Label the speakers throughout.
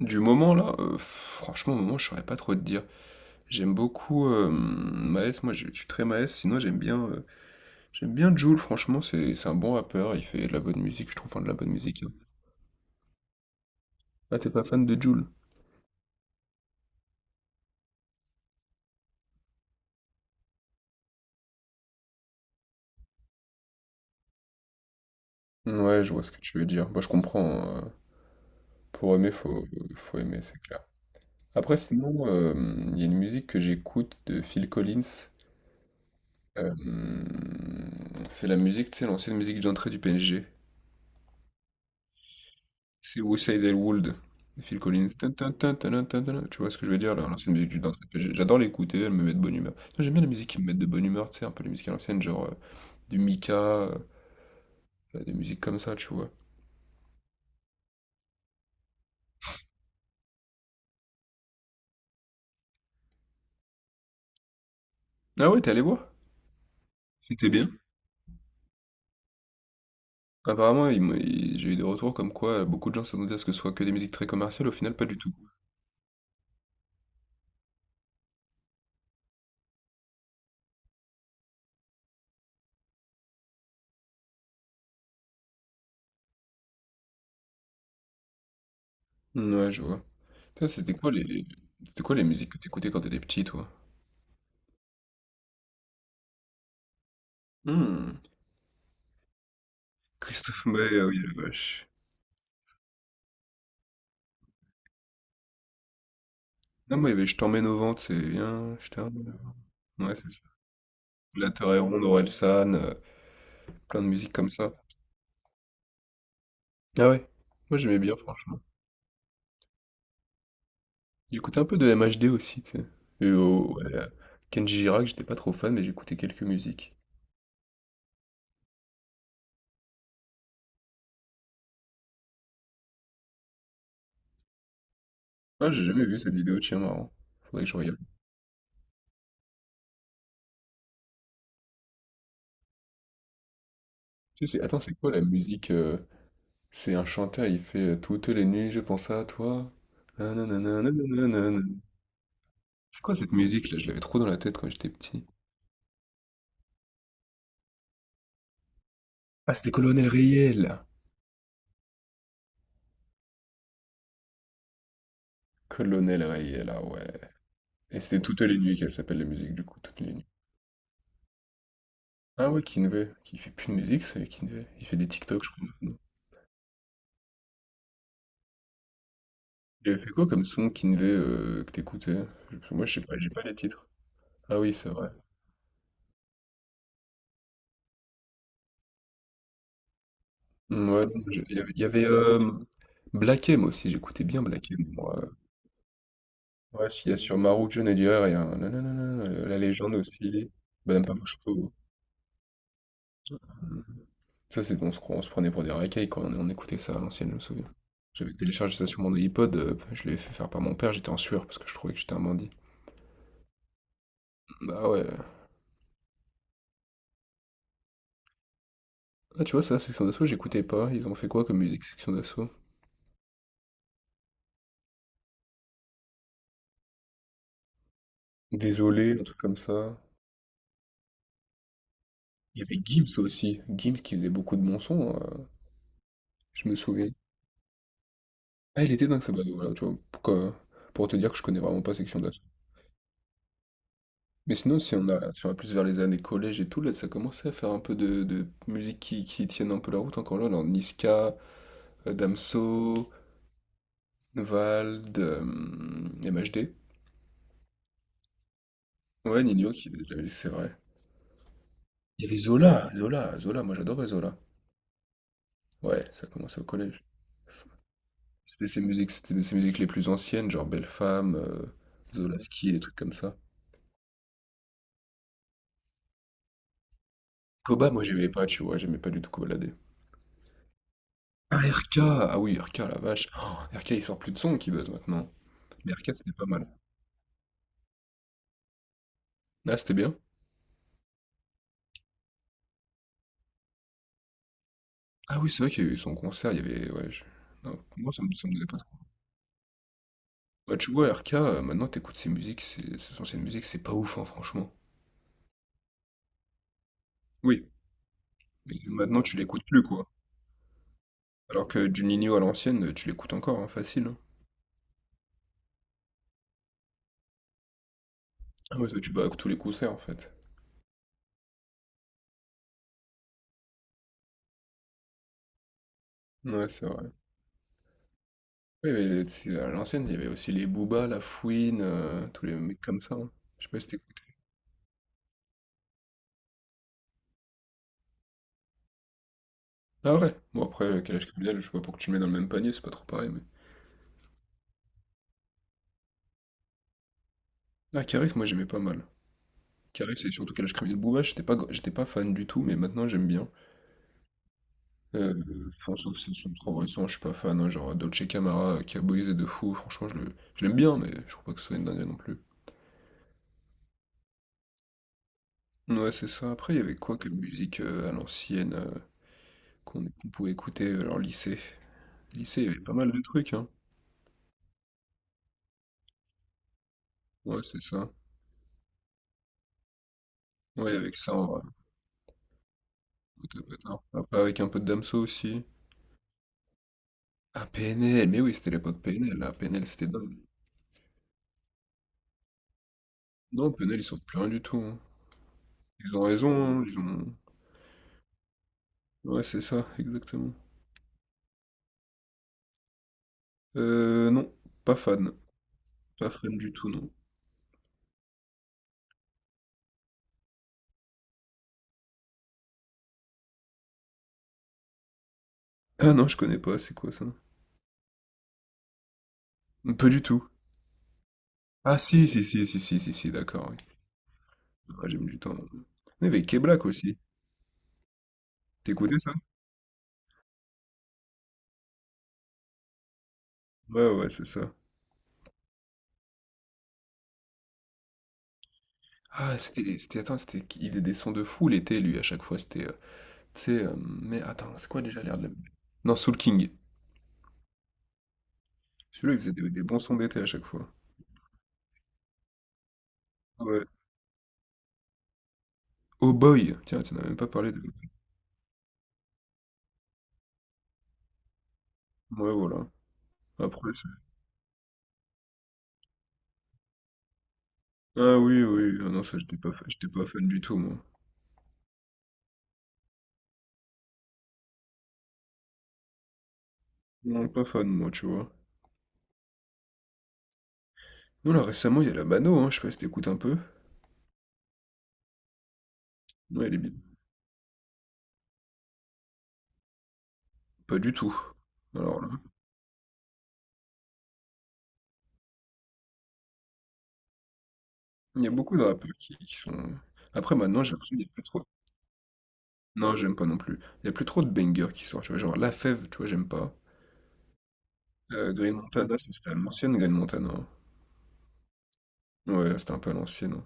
Speaker 1: Du moment là, franchement, au moment, je saurais pas trop te dire. J'aime beaucoup, Maes, moi je suis très Maes, sinon j'aime bien Jul, franchement, c'est un bon rappeur, il fait de la bonne musique, je trouve, enfin de la bonne musique, hein. Ah, t'es pas fan de Jul? Ouais, je vois ce que tu veux dire. Bah, je comprends, hein, pour aimer, faut aimer, c'est clair. Après sinon, il y a une musique que j'écoute de Phil Collins, hem, c'est la musique, tu sais, l'ancienne musique d'entrée du PSG. C'est Westside Elwood, Phil Collins. Tan, tan, tan, tan, tan, tan. Tu vois ce que je veux dire là, l'ancienne musique du dance RPG. J'adore l'écouter, elle me met de bonne humeur. Non, j'aime bien les musiques qui me mettent de bonne humeur, tu sais, un peu les musiques à l'ancienne, genre du Mika, des musiques comme ça, tu vois. Ah ouais, t'es allé voir? C'était bien. Apparemment, j'ai eu des retours comme quoi beaucoup de gens s'attendaient à ce que ce soit que des musiques très commerciales, au final, pas du tout. Ouais, je vois. Toi, c'était quoi les... C'était quoi les musiques que t'écoutais quand t'étais petit, toi? Hmm. Christophe Maé, ah oui, la vache. Ah, moi, il y avait Je t'emmène au vent, c'est bien, je t'emmène au vent. Ouais, c'est La Terre est ronde, Orelsan, plein de musique comme ça. Ah ouais? Moi j'aimais bien franchement. J'écoutais un peu de MHD aussi, tu sais. Et oh, ouais, Kenji Girac, j'étais pas trop fan, mais j'écoutais quelques musiques. Ah, j'ai jamais vu cette vidéo, tiens, marrant. Faudrait que je regarde. Attends, c'est quoi la musique? C'est un chanteur, il fait Toutes les nuits, je pense à toi. Nananana, nananana. C'est quoi cette musique là? Je l'avais trop dans la tête quand j'étais petit. Ah, c'était Colonel Riel. Colonel Riel, ah ouais. Et c'était Toutes les nuits qu'elle s'appelle la musique, du coup, Toutes les nuits. Ah ouais, Kinvey, qui fait plus de musique, c'est Kinvey. Il fait des TikTok, je crois, maintenant. Il avait fait quoi comme son, Kinvey, que t'écoutais? Moi, je sais pas, j'ai pas les titres. Ah oui, c'est vrai. Mm, ouais, non, j'ai- il y avait, Black M aussi, j'écoutais bien Black M, moi. Ouais, s'il y a sur Maru, John et Dior, il y a un nanana, la légende aussi. Madame Pavoshko. Ça, c'est qu'on se, cro- on se prenait pour des racailles quand on écoutait ça à l'ancienne, je me souviens. J'avais téléchargé ça sur mon iPod, je l'avais fait faire par mon père, j'étais en sueur parce que je trouvais que j'étais un bandit. Bah ouais. Ah, tu vois, ça, Section d'Assaut, j'écoutais pas. Ils ont fait quoi comme musique, Section d'Assaut? Désolé, un truc comme ça. Il y avait Gims aussi. Gims qui faisait beaucoup de bons sons, je me souviens. Ah, il était dingue, ça. Bah, voilà, tu vois, pour te dire que je connais vraiment pas Section d'Assaut. Mais sinon, si on va plus vers les années collège et tout, là, ça commençait à faire un peu de musique qui tienne un peu la route encore là. Dans Niska, Damso, Vald, MHD. Ouais, Nino, c'est vrai. Il y avait Zola, Zola, Zola, moi j'adorais Zola. Ouais, ça commençait au collège. C'était ses musiques les plus anciennes, genre Belle Femme, Zolaski, les trucs comme ça. Koba, moi j'aimais pas, tu vois, j'aimais pas du tout Kobalade. Ah, RK! Ah oui, RK, la vache. Oh, RK, il sort plus de son qui buzz maintenant. Mais RK, c'était pas mal. Ah, c'était bien. Ah oui, c'est vrai qu'il y a eu son concert, il y avait. Ouais, je- non, moi ça me donnait pas trop. Bah, tu vois, RK, maintenant t'écoutes ses musiques, ses anciennes musiques, c'est pas ouf, hein, franchement. Oui, mais maintenant tu l'écoutes plus, quoi. Alors que du Nino à l'ancienne, tu l'écoutes encore, hein, facile, hein. Ah ouais, toi, tu vas à tous les concerts en fait. Ouais, c'est vrai. Oui, mais le tu à l'ancienne, il y avait aussi les Booba, la Fouine, tous les mecs comme ça, hein. Je sais pas si t'écoutais. Ah ouais? Bon, après, Calage Criminel, je sais pas pour que tu le mets dans le même panier, c'est pas trop pareil, mais. Ah, Caris, moi j'aimais pas mal. Caris et surtout Calage Criminel Booba, j'étais pas fan du tout, mais maintenant j'aime bien. Euh, enfin, sauf si sont trop récents, je suis pas fan, hein, genre Dolce Camara, Caboise et De Fou, franchement, je l'aime bien, mais je trouve pas que ce soit une dinguerie non plus. Ouais, c'est ça. Après, il y avait quoi comme musique à l'ancienne qu'on pouvait écouter, alors lycée? Lycée, il y avait pas mal de trucs, hein. Ouais, c'est ça. Ouais, avec ça, en vrai. Écoute, après, avec un peu de Damso aussi. Ah, PNL, mais oui, c'était l'époque PNL, là. PNL, c'était dingue. Non, PNL, ils sortent plus rien du tout, hein. Ils ont raison, hein, ils ont... Ouais, c'est ça, exactement. Non, pas fan. Pas fan du tout, non. Ah non, je connais pas, c'est quoi ça? Pas du tout. Ah si, si, si, si, si, si, si, d'accord, oui. Ah, j'aime du temps. Mais avec Keblak aussi. T'écoutais ça? Ouais, ouais, c'est ça. Ah, c'était... les- c'était... Attends, c'était... qui- Il faisait des sons de fou l'été, lui, à chaque fois, mais attends, c'est quoi déjà l'air de la non, Soul King. Celui-là, il faisait des bons sons d'été à chaque fois. Ouais. Oh Boy! Tiens, tu n'as même pas parlé de ouais, voilà. Après c'est ah oui, oui, ah non, ça, j'étais pas fan du tout, moi. Non, pas fan, moi, tu vois? Non, là, récemment, il y a la Mano, hein, je sais pas si tu un peu? Ouais, elle est bien. Pas du tout. Alors là, il y a beaucoup de rappeurs qui sont après maintenant, j'ai l'impression qu'il y a plus trop non, j'aime pas non plus. Il y a plus trop de bangers qui sortent, tu vois? Genre la fève tu vois, j'aime pas. Green Montana, c'était à l'ancienne Green Montana, hein. Ouais, c'était un peu à l'ancienne, hein.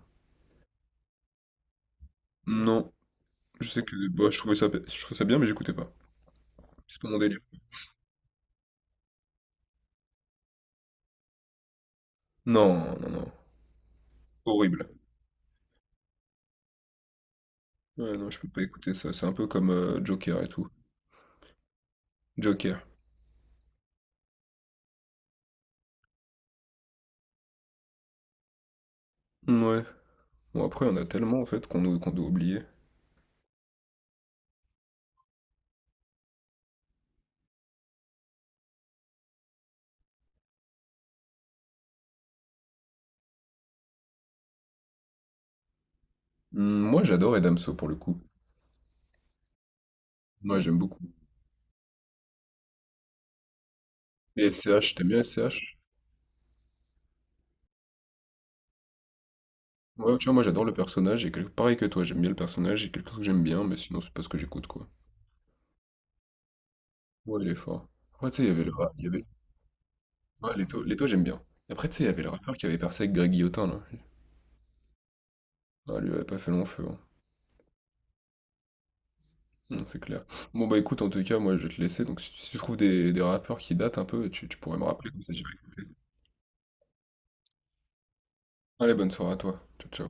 Speaker 1: Non, je sais que bah, je trouvais ça bien, mais j'écoutais pas. C'est pas mon délire. Non, non, non. Horrible. Ouais, non, je peux pas écouter ça. C'est un peu comme Joker et tout. Joker. Ouais. Bon, après, on a tellement, en fait, qu'on doit oublier. Hmm, moi, j'adore Edamso, pour le coup. Moi, j'aime beaucoup. Et S C H t'aimes bien S C H. Ouais, tu vois, moi, j'adore le personnage. Et pareil que toi, j'aime bien le personnage. Et quelque chose que j'aime bien, mais sinon, c'est pas ce que j'écoute, quoi. Ouais, il est fort. Après, tu sais, il y avait le rap. Il y avait... Ouais, Leto, Leto, j'aime bien. Après, tu sais, il y avait le rappeur qui avait percé avec Greg Guillotin, là. Ah, lui, il avait pas fait long feu, hein. Non, c'est clair. Bon, bah, écoute, en tout cas, moi, je vais te laisser. Donc, si tu trouves des rappeurs qui datent un peu, tu pourrais me rappeler, comme ça, j'irai écouter. Allez, bonne soirée à toi. Ciao, ciao.